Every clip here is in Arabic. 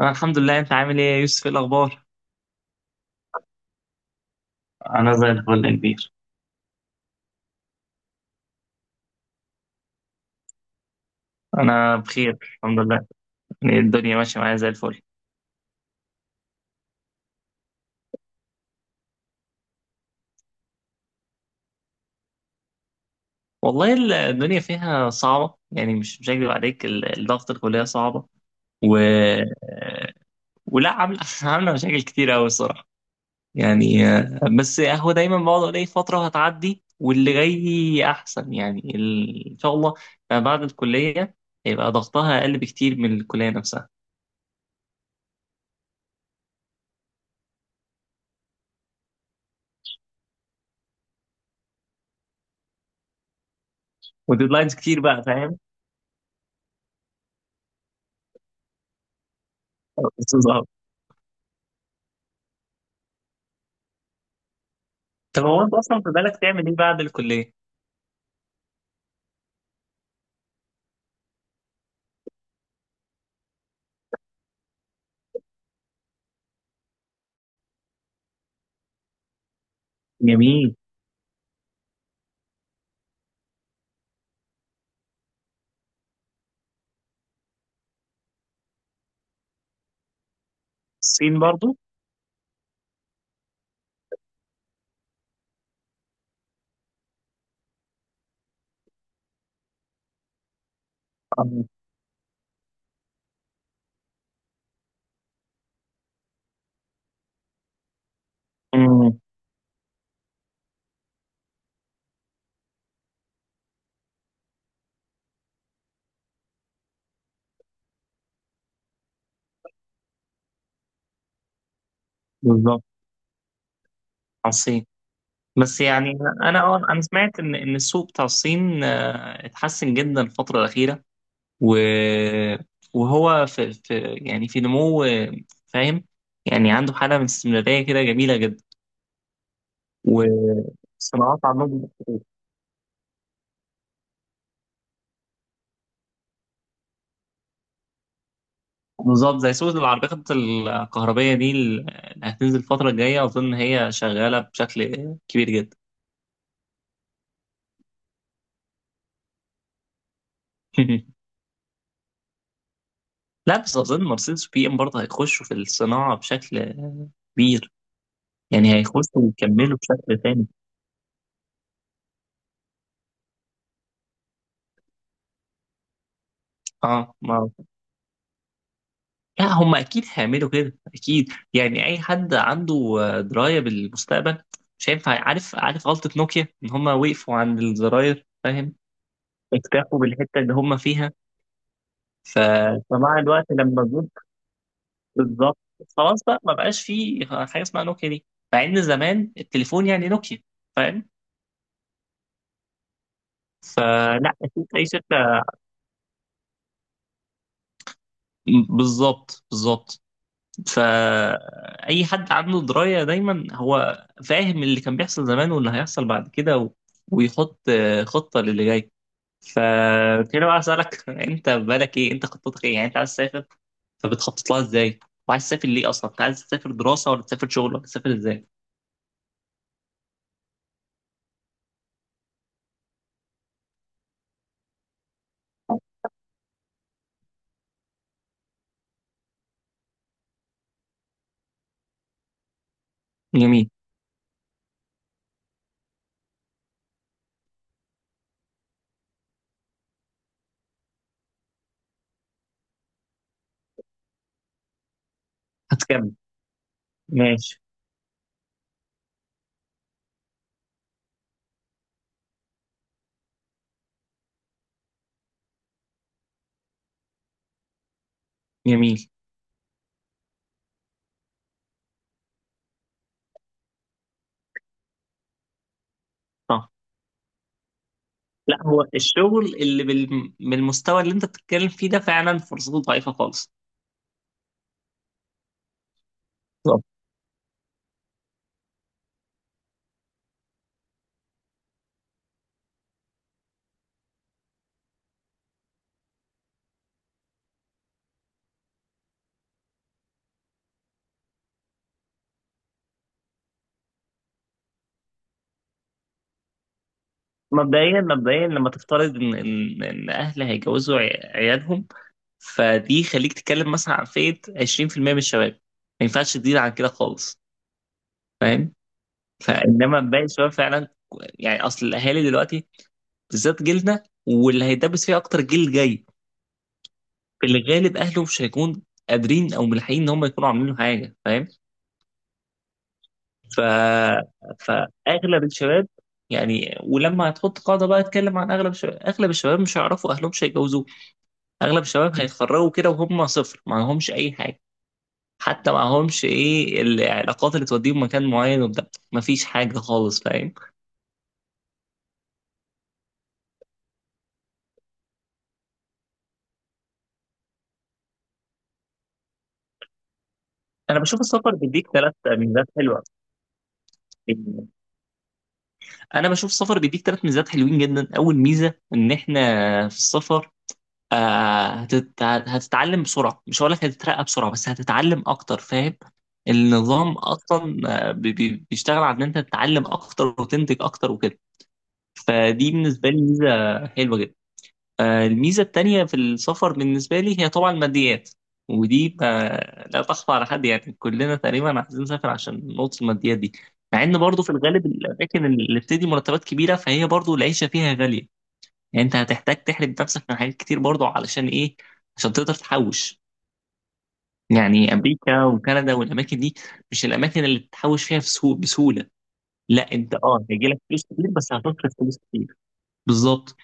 أنا الحمد لله أنت عامل إيه يا يوسف إيه الأخبار؟ أنا زي الفل يا كبير. أنا بخير، الحمد لله. يعني الدنيا ماشية معايا زي الفل. والله الدنيا فيها صعبة، يعني مش هكدب عليك. الضغط، الكلية صعبة. و... ولا عاملة عاملة مشاكل كتير أوي الصراحة. يعني بس هو دايما بقعد أقول إيه، فترة هتعدي واللي جاي أحسن، يعني إن شاء الله. بعد الكلية هيبقى ضغطها أقل بكتير من الكلية نفسها. وديدلاينز كتير بقى، فاهم؟ طب هو انت اصلا في بالك تعمل ايه بعد الكليه؟ جميل. الصين برضو؟ آه. امم. بالظبط، على الصين. بس يعني انا سمعت ان السوق بتاع الصين اتحسن جدا الفتره الاخيره. و وهو في يعني في نمو، فاهم. يعني عنده حاله من الاستمراريه كده جميله جدا. والصناعات عندهم. بالظبط، زي سوق العربيات الكهربائيه دي اللي هتنزل الفتره الجايه، اظن هي شغاله بشكل كبير جدا. لا، بس أظن مرسيدس وبي إم برضه هيخشوا في الصناعة بشكل كبير. يعني هيخشوا ويكملوا بشكل تاني. اه، ما لا، هم أكيد هيعملوا كده، أكيد. يعني أي حد عنده دراية بالمستقبل مش هينفع. عارف غلطة نوكيا إن هم وقفوا عند الزراير، فاهم. اكتفوا بالحتة اللي هم فيها. ف... فمع الوقت لما جم. بالظبط. خلاص، بقى ما بقاش فيه حاجة اسمها نوكيا دي. مع إن زمان التليفون يعني نوكيا، فاهم. فلا أكيد أي شركة. بالظبط، بالظبط. فأي حد عنده دراية دايما هو فاهم اللي كان بيحصل زمان واللي هيحصل بعد كده ويحط خطة للي جاي. فكده بقى أسألك، أنت بالك إيه، أنت خطتك إيه، يعني أنت عايز تسافر فبتخطط لها إزاي؟ وعايز تسافر ليه أصلا؟ أنت عايز تسافر دراسة، ولا تسافر شغل، ولا تسافر إزاي؟ جميل. هتكمل. ماشي. جميل. صح. لا، هو الشغل اللي بالمستوى اللي أنت بتتكلم فيه ده فعلا فرصته ضعيفة خالص. مبدئيا، لما تفترض ان اهل هيجوزوا عيالهم، فدي خليك تتكلم مثلا عن فئه 20% من الشباب، ما ينفعش تزيد عن كده خالص، فاهم. فانما باقي الشباب فعلا، يعني اصل الاهالي دلوقتي بالذات جيلنا واللي هيدبس فيه اكتر الجيل الجاي، في الغالب اهله مش هيكون قادرين او ملحقين ان هم يكونوا عاملين له حاجه، فاهم. ف فاغلب الشباب، يعني ولما هتحط قاعده بقى اتكلم عن اغلب الشباب، اغلب الشباب مش هيعرفوا اهلهم مش. اغلب الشباب هيتخرجوا كده وهم صفر، معهمش اي حاجه. حتى معهمش ايه العلاقات اللي توديهم مكان معين وبتاع. مفيش حاجه خالص، فاهم. انا بشوف السفر بيديك ثلاث ميزات حلوه انا بشوف السفر بيديك ثلاث ميزات حلوين جدا. اول ميزه، ان احنا في السفر هتتعلم بسرعه، مش هقول لك هتترقى بسرعه بس هتتعلم اكتر، فاهم. النظام اصلا بيشتغل على ان انت تتعلم اكتر وتنتج اكتر وكده. فدي بالنسبه لي ميزه حلوه جدا. الميزة التانية في السفر بالنسبة لي هي طبعا الماديات، ودي ما لا تخفى على حد، يعني كلنا تقريبا عايزين نسافر عشان نقطة الماديات دي. مع ان برضه في الغالب الأماكن اللي بتدي مرتبات كبيرة، فهي برضه العيشة فيها غالية. يعني أنت هتحتاج تحرم نفسك من حاجات كتير برضه، علشان إيه؟ عشان تقدر تحوش. يعني أمريكا وكندا والأماكن دي مش الأماكن اللي تحوش فيها بسهولة. لا، أنت أه هيجيلك فلوس كتير بس هتصرف فلوس كتير. بالظبط.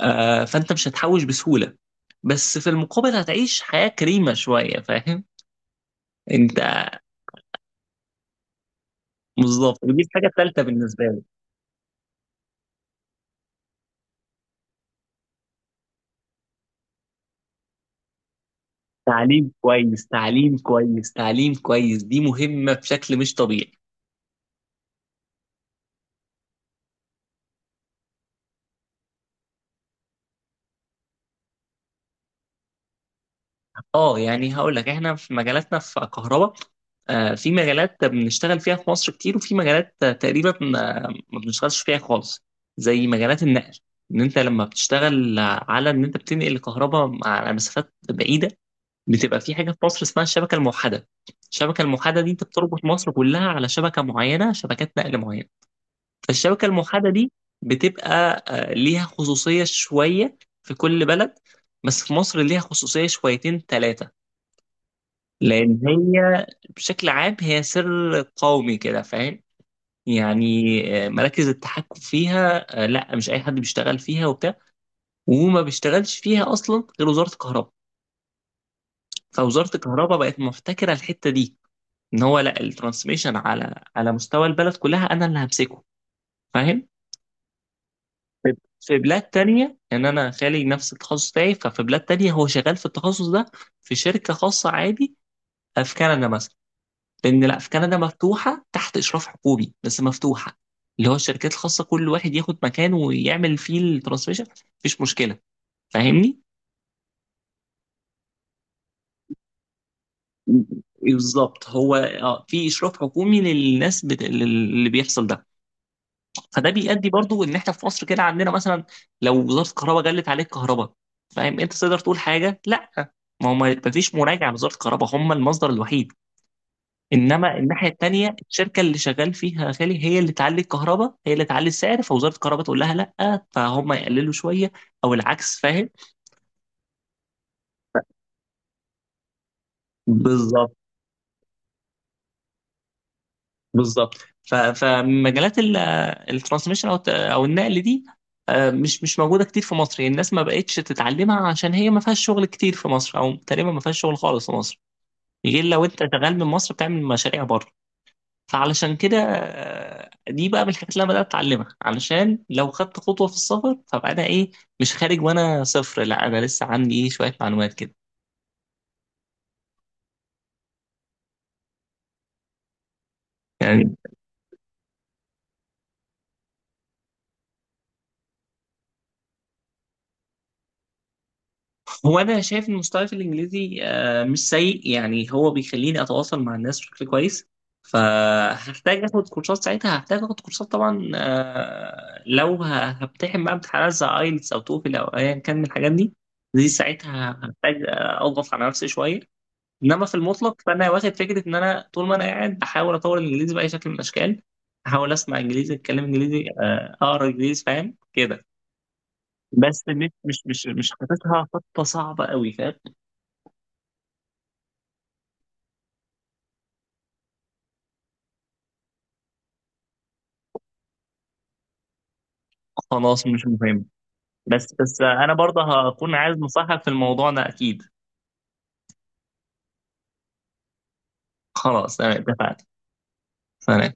فانت مش هتحوش بسهولة، بس في المقابل هتعيش حياة كريمة شوية، فاهم انت. بالظبط، ودي الحاجة الثالثة بالنسبة لي. تعليم كويس، تعليم كويس، تعليم كويس، دي مهمة بشكل مش طبيعي. اه، يعني هقول لك احنا في مجالاتنا في كهرباء، في مجالات بنشتغل فيها في مصر كتير، وفي مجالات تقريبا ما بنشتغلش فيها خالص، زي مجالات النقل. ان انت لما بتشتغل على ان انت بتنقل الكهرباء على مسافات بعيده، بتبقى في حاجه في مصر اسمها الشبكه الموحده. الشبكه الموحده دي انت بتربط مصر كلها على شبكه معينه، شبكات نقل معينه. فالشبكه الموحده دي بتبقى ليها خصوصيه شويه في كل بلد، بس في مصر ليها خصوصيه شويتين ثلاثه. لان هي بشكل عام هي سر قومي كده، فاهم. يعني مراكز التحكم فيها لا، مش اي حد بيشتغل فيها وبتاع. وما بيشتغلش فيها اصلا غير وزاره الكهرباء. فوزاره الكهرباء بقت محتكره الحته دي، ان هو لا، الترانسميشن على مستوى البلد كلها انا اللي همسكه، فاهم. في في بلاد تانية، يعني انا خالي نفس التخصص بتاعي، ففي بلاد تانية هو شغال في التخصص ده في شركة خاصة عادي. في كندا مثلا، لان لا، في كندا مفتوحة تحت اشراف حكومي بس مفتوحة. اللي هو الشركات الخاصة كل واحد ياخد مكان ويعمل فيه الترانسميشن، مفيش مشكلة، فاهمني. بالظبط، هو في اشراف حكومي للناس اللي بيحصل ده. فده بيؤدي برضو ان احنا في مصر كده عندنا مثلا، لو وزاره الكهرباء جلت عليك كهرباء، فاهم انت تقدر تقول حاجه؟ لا. ما هو ما فيش مراجعه لوزاره الكهرباء، هم المصدر الوحيد. انما الناحيه التانيه، الشركه اللي شغال فيها يا خالي هي اللي تعلي الكهرباء، هي اللي تعلي السعر، فوزاره الكهرباء تقول لها لا، فهم يقللوا شويه، او العكس، فاهم. بالظبط، بالظبط. فمجالات الترانسميشن او النقل دي مش موجوده كتير في مصر، يعني الناس ما بقتش تتعلمها عشان هي ما فيهاش شغل كتير في مصر، او تقريبا ما فيهاش شغل خالص في مصر، غير لو انت شغال من مصر بتعمل مشاريع بره. فعلشان كده دي بقى من الحاجات اللي انا بدات اتعلمها، علشان لو خدت خطوه في السفر فبقى انا ايه، مش خارج وانا صفر، لا انا لسه عندي ايه شويه معلومات كده. يعني هو انا شايف ان مستواي في الانجليزي مش سيء، يعني هو بيخليني اتواصل مع الناس بشكل كويس. فهحتاج اخد كورسات ساعتها هحتاج اخد كورسات طبعا، لو هبتحم بقى امتحانات زي ايلتس او توفل او ايا كان من الحاجات دي، دي ساعتها هحتاج اضغط على نفسي شويه. انما في المطلق فانا واخد فكره ان انا طول ما انا قاعد بحاول اطور الانجليزي باي شكل من الاشكال، احاول اسمع انجليزي، اتكلم انجليزي، اقرا انجليزي، فاهم كده. بس مش حاططها خطه صعبه قوي، فاهم. خلاص، مش مهم، بس انا برضه هكون عايز نصيحة في الموضوع ده اكيد. خلاص، تمام، اتفقنا. سلام.